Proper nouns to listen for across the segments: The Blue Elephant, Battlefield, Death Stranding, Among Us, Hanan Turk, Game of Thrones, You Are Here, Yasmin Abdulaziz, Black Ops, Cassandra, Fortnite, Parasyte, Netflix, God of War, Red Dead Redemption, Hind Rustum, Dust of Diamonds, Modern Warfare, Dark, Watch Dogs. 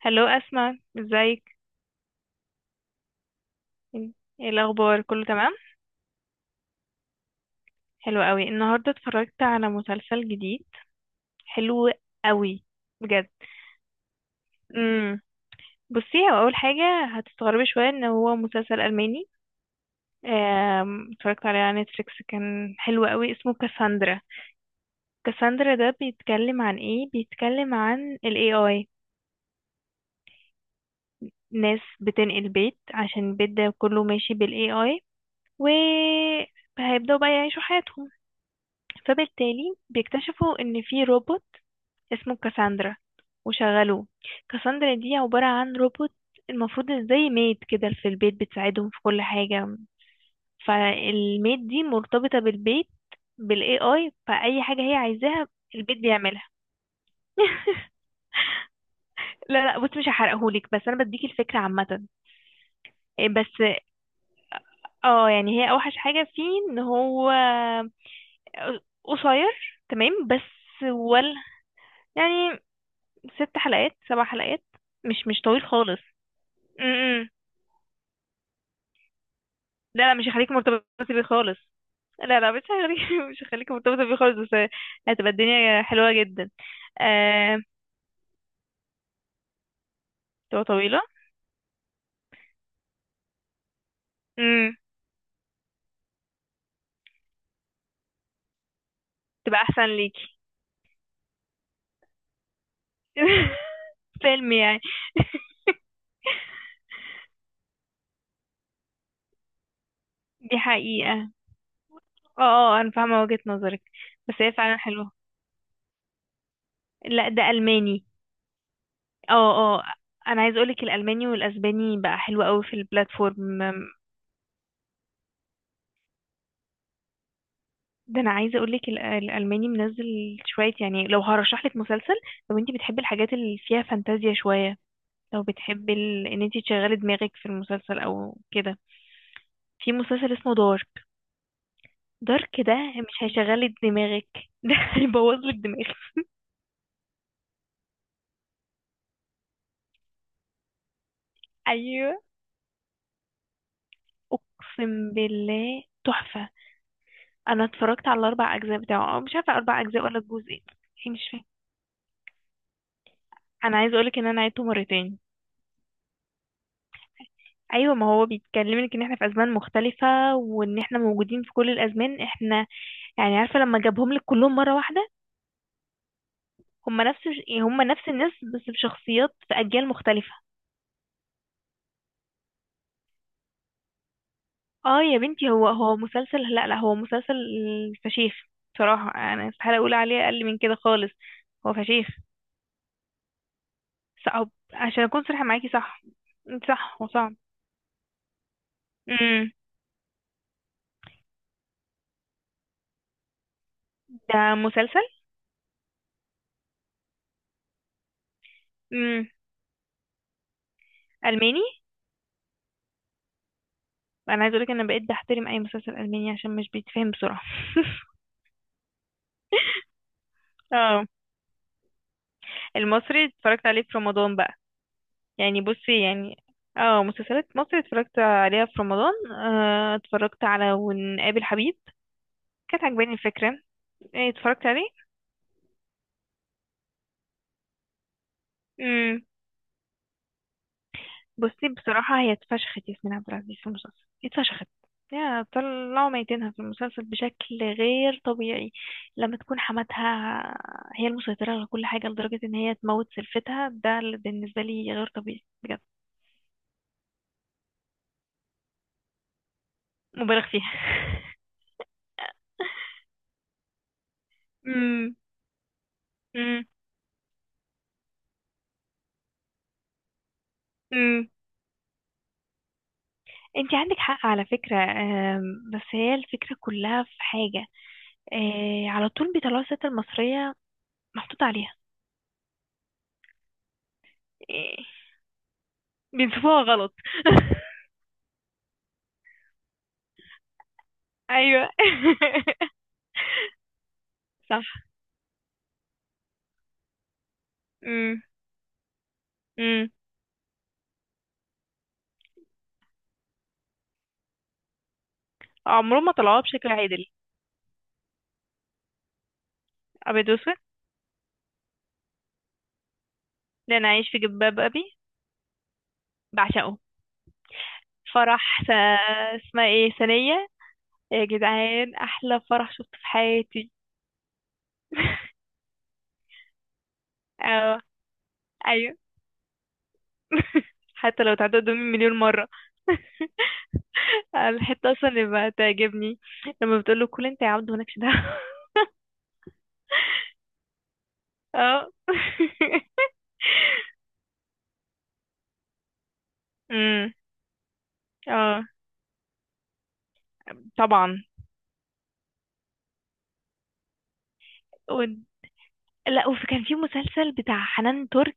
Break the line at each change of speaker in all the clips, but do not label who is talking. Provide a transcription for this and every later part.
هلو أسماء، ازيك؟ ايه الأخبار، كله تمام؟ حلو قوي. النهاردة اتفرجت على مسلسل جديد حلو قوي بجد. امم بصي، هو أول حاجة هتستغربي شوية ان هو مسلسل ألماني. اتفرجت عليه على نتفليكس، كان حلو قوي، اسمه كاساندرا. كاساندرا ده بيتكلم عن ايه؟ بيتكلم عن ال AI. ناس بتنقل بيت عشان البيت ده كله ماشي بال AI، و هيبدأوا بقى يعيشوا حياتهم، فبالتالي بيكتشفوا إن في روبوت اسمه كاساندرا وشغلوه. كاساندرا دي عبارة عن روبوت، المفروض زي ميد كده في البيت، بتساعدهم في كل حاجة. فالميد دي مرتبطة بالبيت، بالاي اي، فأي حاجة هي عايزاها البيت بيعملها. لا لا، بص مش هحرقهولك، بس انا بديك الفكرة عامة. إيه بس. اه، يعني هي اوحش حاجة فيه ان هو قصير تمام، بس ولا يعني. ست حلقات، سبع حلقات، مش طويل خالص. امم لا لا، مش هيخليك مرتبطة بيه خالص. لا لا، مش هيخليك مش هيخليك مرتبطة بيه خالص، بس هتبقى الدنيا حلوة جدا. آه... تبقى طويلة. امم تبقى أحسن ليكي. فيلم يعني. دي حقيقة. اه اه، أنا فاهمة وجهة نظرك. بس هي فعلا حلوة. لا، ده ألماني. اه اه، أنا عايز أقولك الألماني والأسباني بقى حلو قوي في البلاتفورم. ده انا عايزه اقول لك الالماني منزل شويه. يعني لو هرشح لك مسلسل، لو انت بتحبي الحاجات اللي فيها فانتازيا شويه، لو بتحبي ان انت تشغلي دماغك في المسلسل او كده، في مسلسل اسمه دارك. دارك ده مش هيشغلي دماغك ده هيبوظ لك دماغك. ايوه، اقسم بالله تحفه. انا اتفرجت على الاربع اجزاء بتاعه، أو مش عارفه اربع اجزاء ولا جزء. ايه؟ مش فاهمه. انا عايزه اقول لك ان انا عيدته مرتين. ايوه، ما هو بيتكلمك ان احنا في ازمان مختلفه، وان احنا موجودين في كل الازمان احنا. يعني عارفه لما جابهم لك كلهم مره واحده، هم نفس هم نفس الناس بس بشخصيات في اجيال مختلفه. اه يا بنتي، هو مسلسل، لا لا هو مسلسل فشيخ. بصراحه انا استحاله اقول عليه اقل من كده خالص، هو فشيخ. صعب عشان اكون صريحه معاكي، صح صح هو صعب. امم ده مسلسل. امم الماني. انا عايزه اقولك انا بقيت بحترم اي مسلسل الماني عشان مش بيتفهم بسرعه. اه، المصري اتفرجت عليه في رمضان بقى. يعني بصي يعني. اه، مسلسلات مصري اتفرجت عليها في رمضان. اتفرجت على ونقابل حبيب، كانت عجباني الفكرة. إيه، اتفرجت عليه. امم بصي بصراحة هي اتفشخت. ياسمين عبد العزيز في المسلسل اتفشخت، يا طلعوا ميتينها في المسلسل بشكل غير طبيعي. لما تكون حماتها هي المسيطرة على كل حاجة، لدرجة ان هي تموت سلفتها، ده بالنسبة لي غير طبيعي بجد. مبالغ فيها. امم امم انت عندك حق على فكرة. بس هي الفكرة كلها في حاجة. على طول بيطلعوا الست المصرية محطوط عليها. آه، بينصفوها غلط. ايوه. صح. امم امم عمرهم ما طلعوها بشكل عادل. ابيض واسود، لان عايش في جلباب ابي بعشقه. فرح س... اسمها ايه ثانية. يا جدعان، احلى فرح شفته في حياتي. اه، ايوه. حتى لو اتعدى قدامي مليون مرة. الحتة اصلا اللي بقى تعجبني لما بتقول له كل انت يا عبد مالكش دعوة. اه. امم اه طبعا. و... لا، وفي كان في مسلسل بتاع حنان ترك.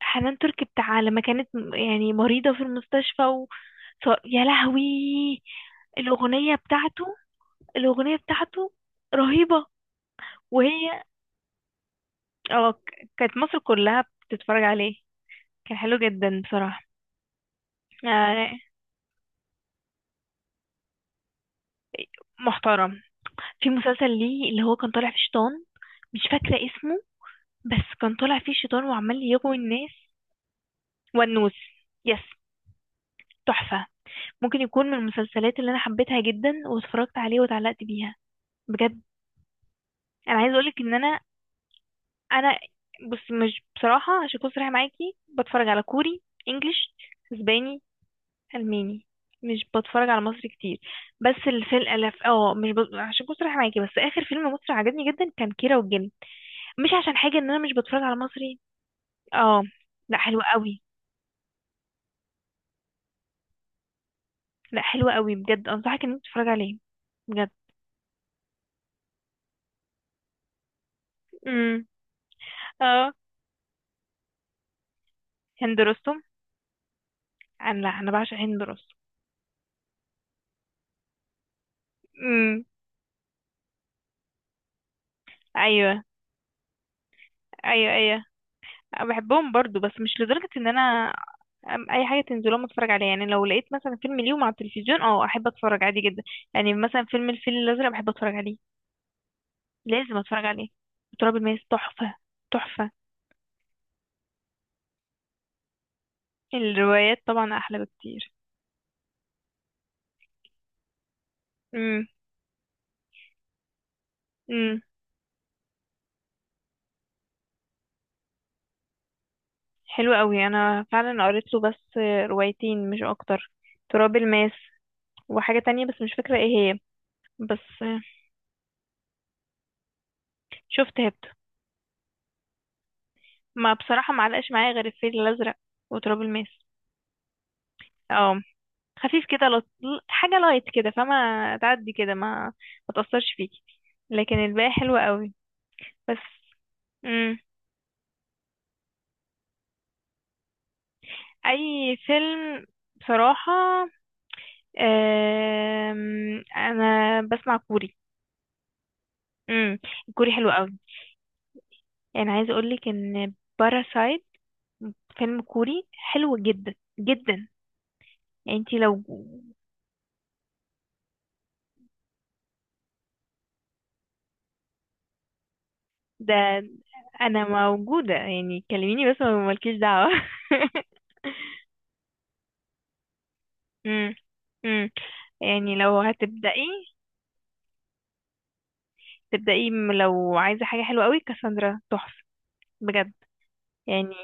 حنان ترك بتاع لما كانت يعني مريضة في المستشفى يا لهوي. الأغنية بتاعته الأغنية بتاعته رهيبة. وهي اه، كانت مصر كلها بتتفرج عليه. كان حلو جدا بصراحة. آه، محترم. في مسلسل ليه اللي هو كان طالع فيه شيطان، مش فاكرة اسمه، بس كان طالع فيه شيطان وعمال يغوي الناس. والنوس، يس. تحفة. ممكن يكون من المسلسلات اللي انا حبيتها جدا واتفرجت عليه واتعلقت بيها بجد. انا عايزة اقولك ان انا بص، مش بصراحة عشان اكون صريحة معاكي بتفرج على كوري، انجليش، اسباني، الماني، مش بتفرج على مصري كتير. بس الفيلم الاف مش ب... عشان اكون صريحة معاكي، بس اخر فيلم مصري عجبني جدا كان كيرة والجن. مش عشان حاجة ان انا مش بتفرج على مصري. اه لا، حلو قوي. لا حلو قوي بجد، انصحك انك تتفرج عليه بجد. امم اه، هند رستم. انا، لا، انا بعشق هند رستم. امم ايوه ايوه. ايوه، أنا بحبهم برضو بس مش لدرجة ان انا اي حاجة تنزل لهم اتفرج عليها. يعني لو لقيت مثلا فيلم ليهم على التلفزيون، احب اتفرج عادي جدا. يعني مثلا فيلم الفيل الازرق بحب اتفرج عليه. لازم اتفرج عليه. تراب الماس، تحفة تحفة. الروايات طبعا احلى بكتير. امم حلو قوي، انا فعلا قريت له بس روايتين مش اكتر. تراب الماس، وحاجة تانية بس مش فاكرة ايه هي. بس شفت هبت. ما بصراحة، ما علقش معايا غير الفيل الازرق وتراب الماس. اه، خفيف كده، حاجة لايت كده، فما تعدي كده ما تأثرش فيكي. لكن الباقي حلو قوي. بس. مم. اي فيلم بصراحة. انا بسمع كوري. امم الكوري حلو قوي. يعني عايزة اقولك ان باراسايت فيلم كوري حلو جدا جدا. يعني انتي لو ده. انا موجودة يعني، كلميني بس ما مالكيش دعوة. امم امم يعني لو هتبدأي تبدأي لو عايزة حاجة حلوة قوي، كاساندرا تحفة بجد. يعني،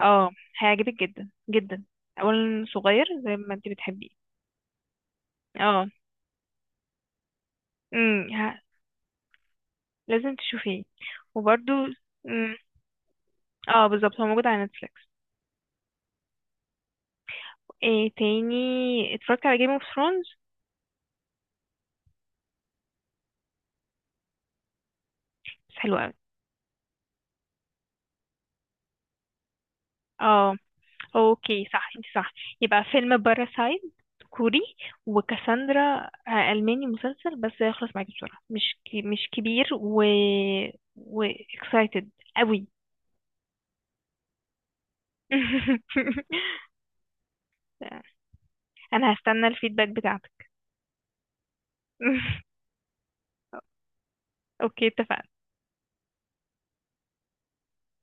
اه، هيعجبك جدا جدا. اولا صغير زي ما انتي بتحبيه. اه، امم ه- لازم تشوفيه. وبرده، امم اه بالظبط هو موجود على نتفليكس. ايه تاني؟ اتفرجت على جيم اوف ثرونز، بس حلو قوي. اه، اوكي. صح، انت صح. يبقى فيلم باراسايت كوري، وكاساندرا ألماني، مسلسل بس يخلص معاكي بسرعة، مش كي مش كبير، و و excited قوي. انا هستنى الفيدباك بتاعتك. اوكي، اتفقنا.